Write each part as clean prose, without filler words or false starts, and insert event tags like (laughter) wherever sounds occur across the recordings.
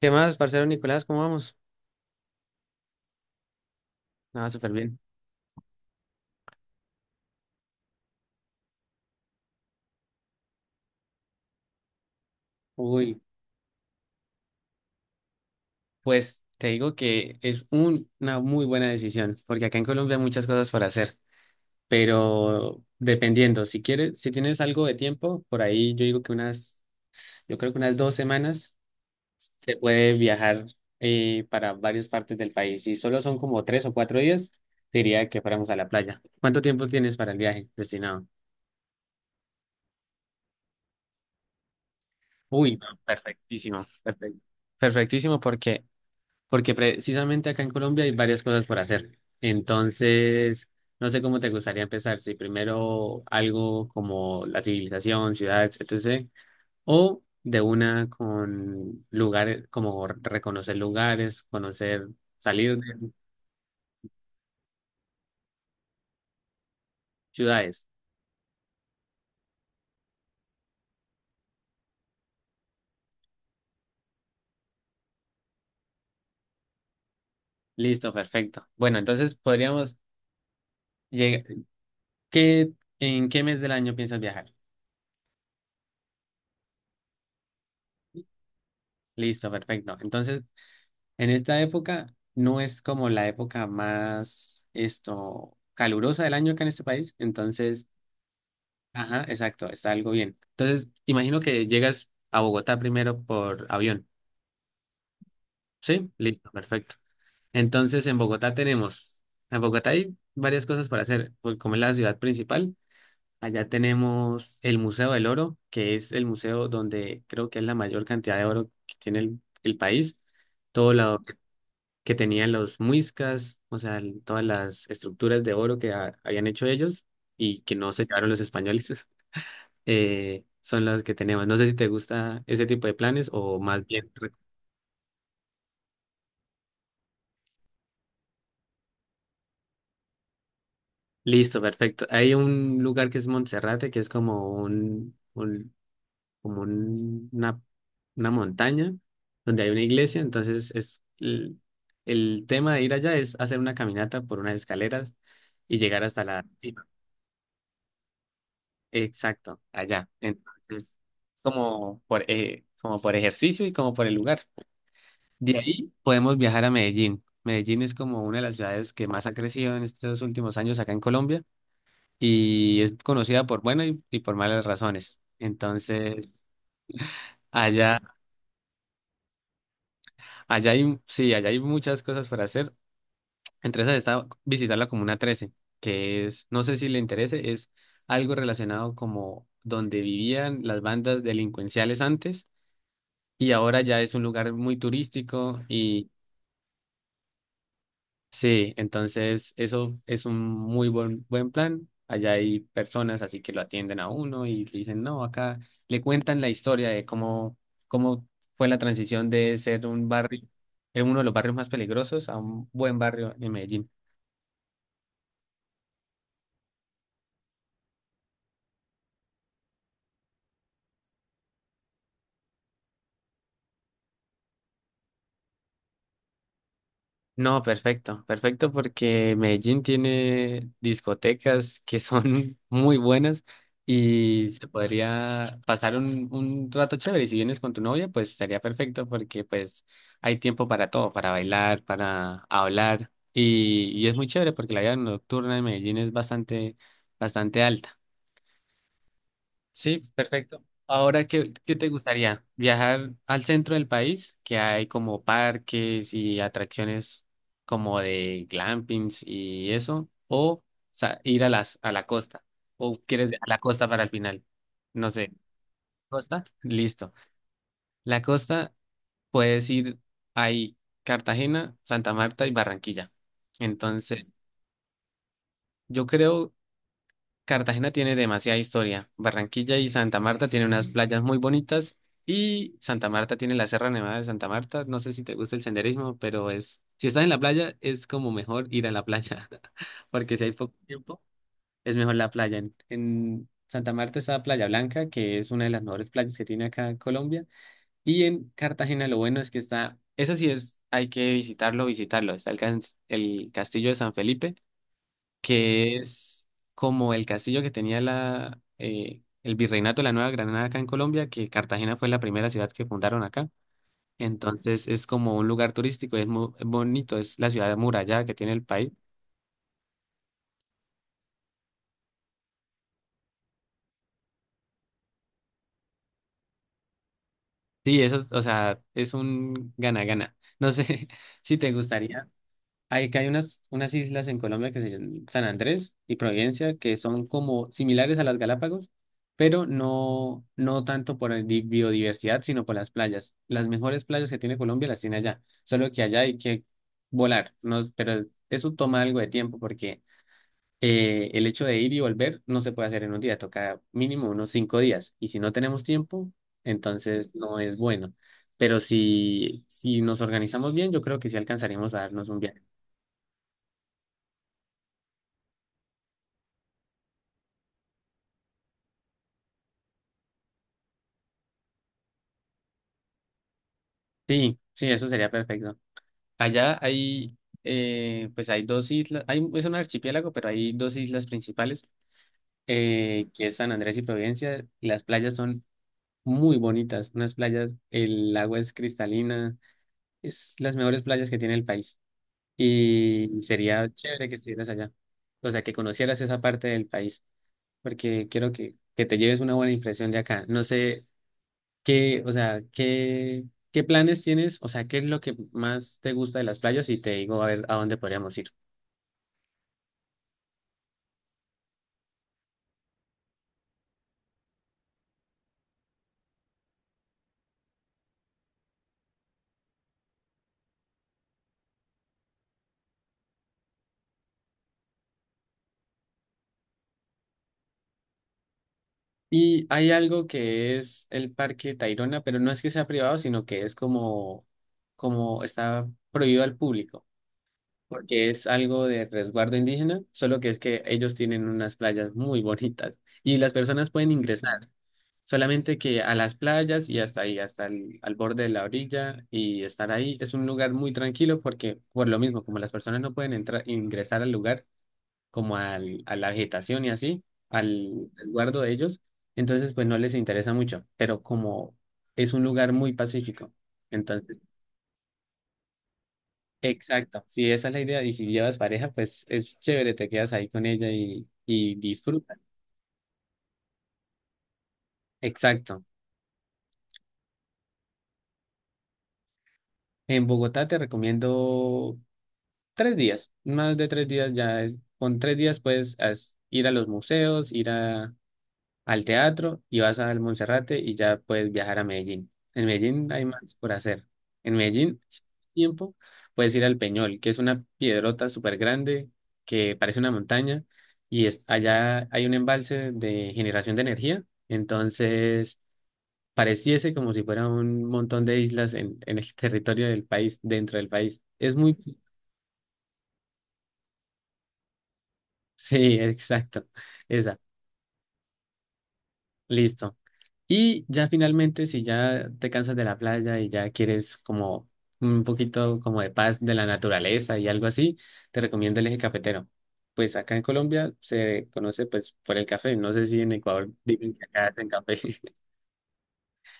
¿Qué más, parcero Nicolás? ¿Cómo vamos? Nada, súper bien. Uy, pues te digo que es una muy buena decisión, porque acá en Colombia hay muchas cosas para hacer, pero dependiendo, si quieres, si tienes algo de tiempo, por ahí yo digo que unas, yo creo que unas 2 semanas se puede viajar para varias partes del país. Si solo son como 3 o 4 días, diría que fuéramos a la playa. ¿Cuánto tiempo tienes para el viaje destinado? Uy, no, perfectísimo, perfecto. Perfectísimo, porque precisamente acá en Colombia hay varias cosas por hacer. Entonces, no sé cómo te gustaría empezar, si primero algo como la civilización, ciudades, etcétera, o de una con lugares, como reconocer lugares, conocer, salir de ciudades. Listo, perfecto. Bueno, entonces podríamos llegar, ¿qué, ¿en qué mes del año piensas viajar? Listo, perfecto. Entonces, en esta época no es como la época más esto calurosa del año acá en este país, entonces, ajá, exacto, está algo bien. Entonces, imagino que llegas a Bogotá primero por avión. Sí, listo, perfecto. Entonces, en Bogotá hay varias cosas para hacer, porque como es la ciudad principal, allá tenemos el Museo del Oro, que es el museo donde creo que es la mayor cantidad de oro que tiene el país. Todo lo que tenían los muiscas, o sea, el- todas las estructuras de oro que habían hecho ellos y que no se llevaron los españoles, (laughs) son las que tenemos. No sé si te gusta ese tipo de planes o más bien. Listo, perfecto. Hay un lugar que es Monserrate, que es como como un- una, una montaña donde hay una iglesia, entonces es el tema de ir allá es hacer una caminata por unas escaleras y llegar hasta la sí. Exacto, allá. Entonces, como por, ejercicio y como por el lugar. De ahí podemos viajar a Medellín. Medellín es como una de las ciudades que más ha crecido en estos últimos años acá en Colombia y es conocida por buenas y por malas razones. Entonces, allá, allá hay, sí, allá hay muchas cosas para hacer. Entre esas está visitar la Comuna 13, que es, no sé si le interese, es algo relacionado como donde vivían las bandas delincuenciales antes y ahora ya es un lugar muy turístico y sí, entonces eso es un muy buen plan. Allá hay personas así que lo atienden a uno y le dicen, no, acá le cuentan la historia de cómo fue la transición de ser un barrio, de uno de los barrios más peligrosos a un buen barrio en Medellín. No, perfecto, perfecto porque Medellín tiene discotecas que son (laughs) muy buenas y se podría pasar un rato chévere. Y si vienes con tu novia, pues estaría perfecto porque pues hay tiempo para todo, para bailar, para hablar y es muy chévere porque la vida nocturna de Medellín es bastante alta. Sí, perfecto. Ahora, ¿qué te gustaría? ¿Viajar al centro del país, que hay como parques y atracciones como de glampings y eso? ¿O ir a la costa? ¿O quieres a la costa para el final? No sé. ¿Costa? Listo. La costa puedes ir ahí, Cartagena, Santa Marta y Barranquilla. Entonces, yo creo Cartagena tiene demasiada historia. Barranquilla y Santa Marta tienen unas playas muy bonitas y Santa Marta tiene la Sierra Nevada de Santa Marta. No sé si te gusta el senderismo, pero es, si estás en la playa, es como mejor ir a la playa, (laughs) porque si hay poco tiempo, es mejor la playa. En Santa Marta está Playa Blanca, que es una de las mejores playas que tiene acá Colombia. Y en Cartagena lo bueno es que eso sí es, hay que visitarlo. Está el Castillo de San Felipe, que es como el castillo que tenía la, el virreinato de la Nueva Granada acá en Colombia, que Cartagena fue la primera ciudad que fundaron acá. Entonces es como un lugar turístico, es muy bonito, es la ciudad amurallada que tiene el país. Sí, eso es, o sea, es un gana-gana. No sé (laughs) si te gustaría. Hay que hay unas islas en Colombia que se llaman San Andrés y Providencia, que son como similares a las Galápagos, pero no, no tanto por el di- biodiversidad, sino por las playas. Las mejores playas que tiene Colombia las tiene allá, solo que allá hay que volar, ¿no? Pero eso toma algo de tiempo porque el hecho de ir y volver no se puede hacer en un día, toca mínimo unos 5 días. Y si no tenemos tiempo, entonces no es bueno. Pero si, si nos organizamos bien, yo creo que sí alcanzaremos a darnos un viaje. Sí, sí, eso sería perfecto. Allá hay, pues hay dos islas, es un archipiélago, pero hay dos islas principales, que es San Andrés y Providencia. Y las playas son muy bonitas, unas playas, el agua es cristalina, es las mejores playas que tiene el país. Y sería chévere que estuvieras allá, o sea, que conocieras esa parte del país, porque quiero que te lleves una buena impresión de acá. No sé. ¿Qué, o sea, qué, qué planes tienes? O sea, ¿qué es lo que más te gusta de las playas? Y te digo a ver a dónde podríamos ir. Y hay algo que es el Parque Tayrona, pero no es que sea privado, sino que es como, como está prohibido al público, porque es algo de resguardo indígena, solo que es que ellos tienen unas playas muy bonitas y las personas pueden ingresar, solamente que a las playas y hasta ahí, al borde de la orilla y estar ahí es un lugar muy tranquilo porque por lo mismo, como las personas no pueden entrar, ingresar al lugar como a la vegetación y así, al resguardo de ellos, entonces pues no les interesa mucho, pero como es un lugar muy pacífico, entonces exacto, si esa es la idea. Y si llevas pareja, pues es chévere, te quedas ahí con ella y disfrutas. Exacto. En Bogotá te recomiendo 3 días, más de 3 días ya es, con 3 días puedes ir a los museos, ir a, al teatro y vas al Monserrate y ya puedes viajar a Medellín. En Medellín hay más por hacer. En Medellín, si tienes tiempo, puedes ir al Peñol, que es una piedrota súper grande que parece una montaña y es, allá hay un embalse de generación de energía. Entonces, pareciese como si fuera un montón de islas en el (laughs) territorio del país, dentro del país. Es muy... (laughs) Sí, exacto. Esa. Listo. Y ya finalmente, si ya te cansas de la playa y ya quieres como un poquito como de paz de la naturaleza y algo así, te recomiendo el eje cafetero. Pues acá en Colombia se conoce pues por el café. No sé si en Ecuador dicen que acá hacen café. (laughs)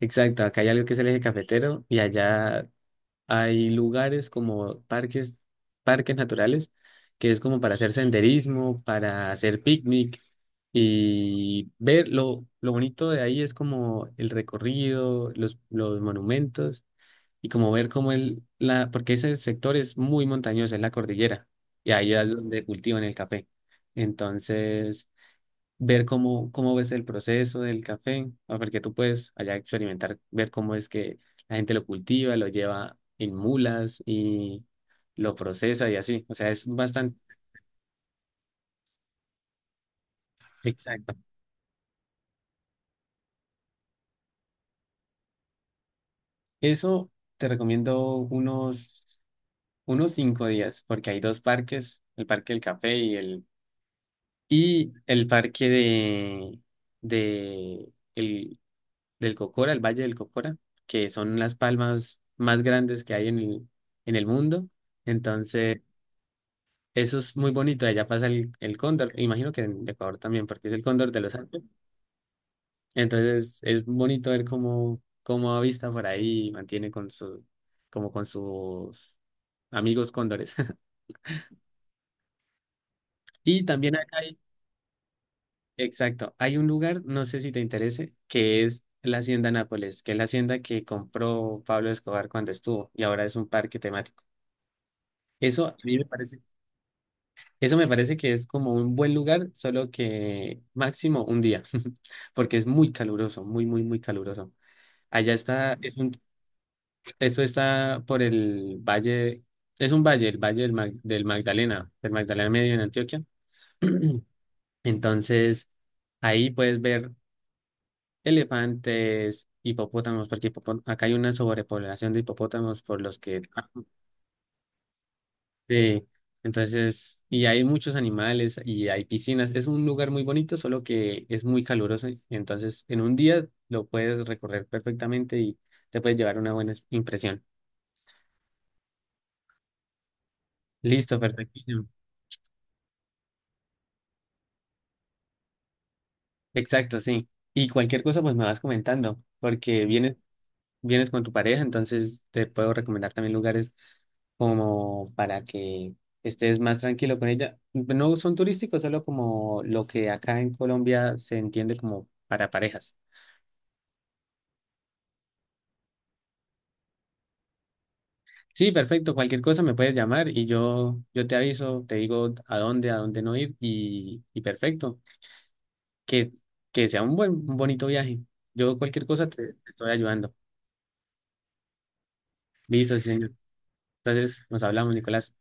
Exacto, acá hay algo que es el eje cafetero y allá hay lugares como parques, parques naturales, que es como para hacer senderismo, para hacer picnic y ver lo bonito de ahí es como el recorrido, los monumentos y como ver cómo porque ese sector es muy montañoso, es la cordillera y ahí es donde cultivan el café. Entonces, ver cómo ves el proceso del café, ¿no? Porque tú puedes allá experimentar, ver cómo es que la gente lo cultiva, lo lleva en mulas y lo procesa y así. O sea, es bastante exacto. Eso te recomiendo unos, unos 5 días, porque hay dos parques, el parque del café y el parque de el, del Cocora, el Valle del Cocora, que son las palmas más grandes que hay en el mundo. Entonces, eso es muy bonito, allá pasa el cóndor, e imagino que en Ecuador también, porque es el cóndor de los Alpes. Entonces es bonito ver cómo avista por ahí y mantiene con su, como con sus amigos cóndores. (laughs) Y también acá hay, exacto, hay un lugar, no sé si te interese, que es la Hacienda Nápoles, que es la hacienda que compró Pablo Escobar cuando estuvo y ahora es un parque temático. Eso a mí me parece Eso me parece que es como un buen lugar, solo que máximo un día, (laughs) porque es muy caluroso, muy, muy, muy caluroso. Allá está, es un, eso está por el valle, es un valle, el valle del Magdalena Medio en Antioquia. (clears throat) Entonces, ahí puedes ver elefantes, hipopótamos, porque acá hay una sobrepoblación de hipopótamos por los que sí, entonces, y hay muchos animales y hay piscinas. Es un lugar muy bonito, solo que es muy caluroso. Y entonces, en un día lo puedes recorrer perfectamente y te puedes llevar una buena impresión. Listo, perfectísimo. Exacto, sí. Y cualquier cosa, pues me vas comentando, porque vienes con tu pareja, entonces te puedo recomendar también lugares como para que estés más tranquilo con ella. No son turísticos, solo como lo que acá en Colombia se entiende como para parejas. Sí, perfecto. Cualquier cosa me puedes llamar y yo te aviso, te digo a dónde no ir y perfecto. Que, que sea un buen, un bonito viaje. Yo cualquier cosa te estoy ayudando. Listo, sí, señor. Entonces nos hablamos, Nicolás.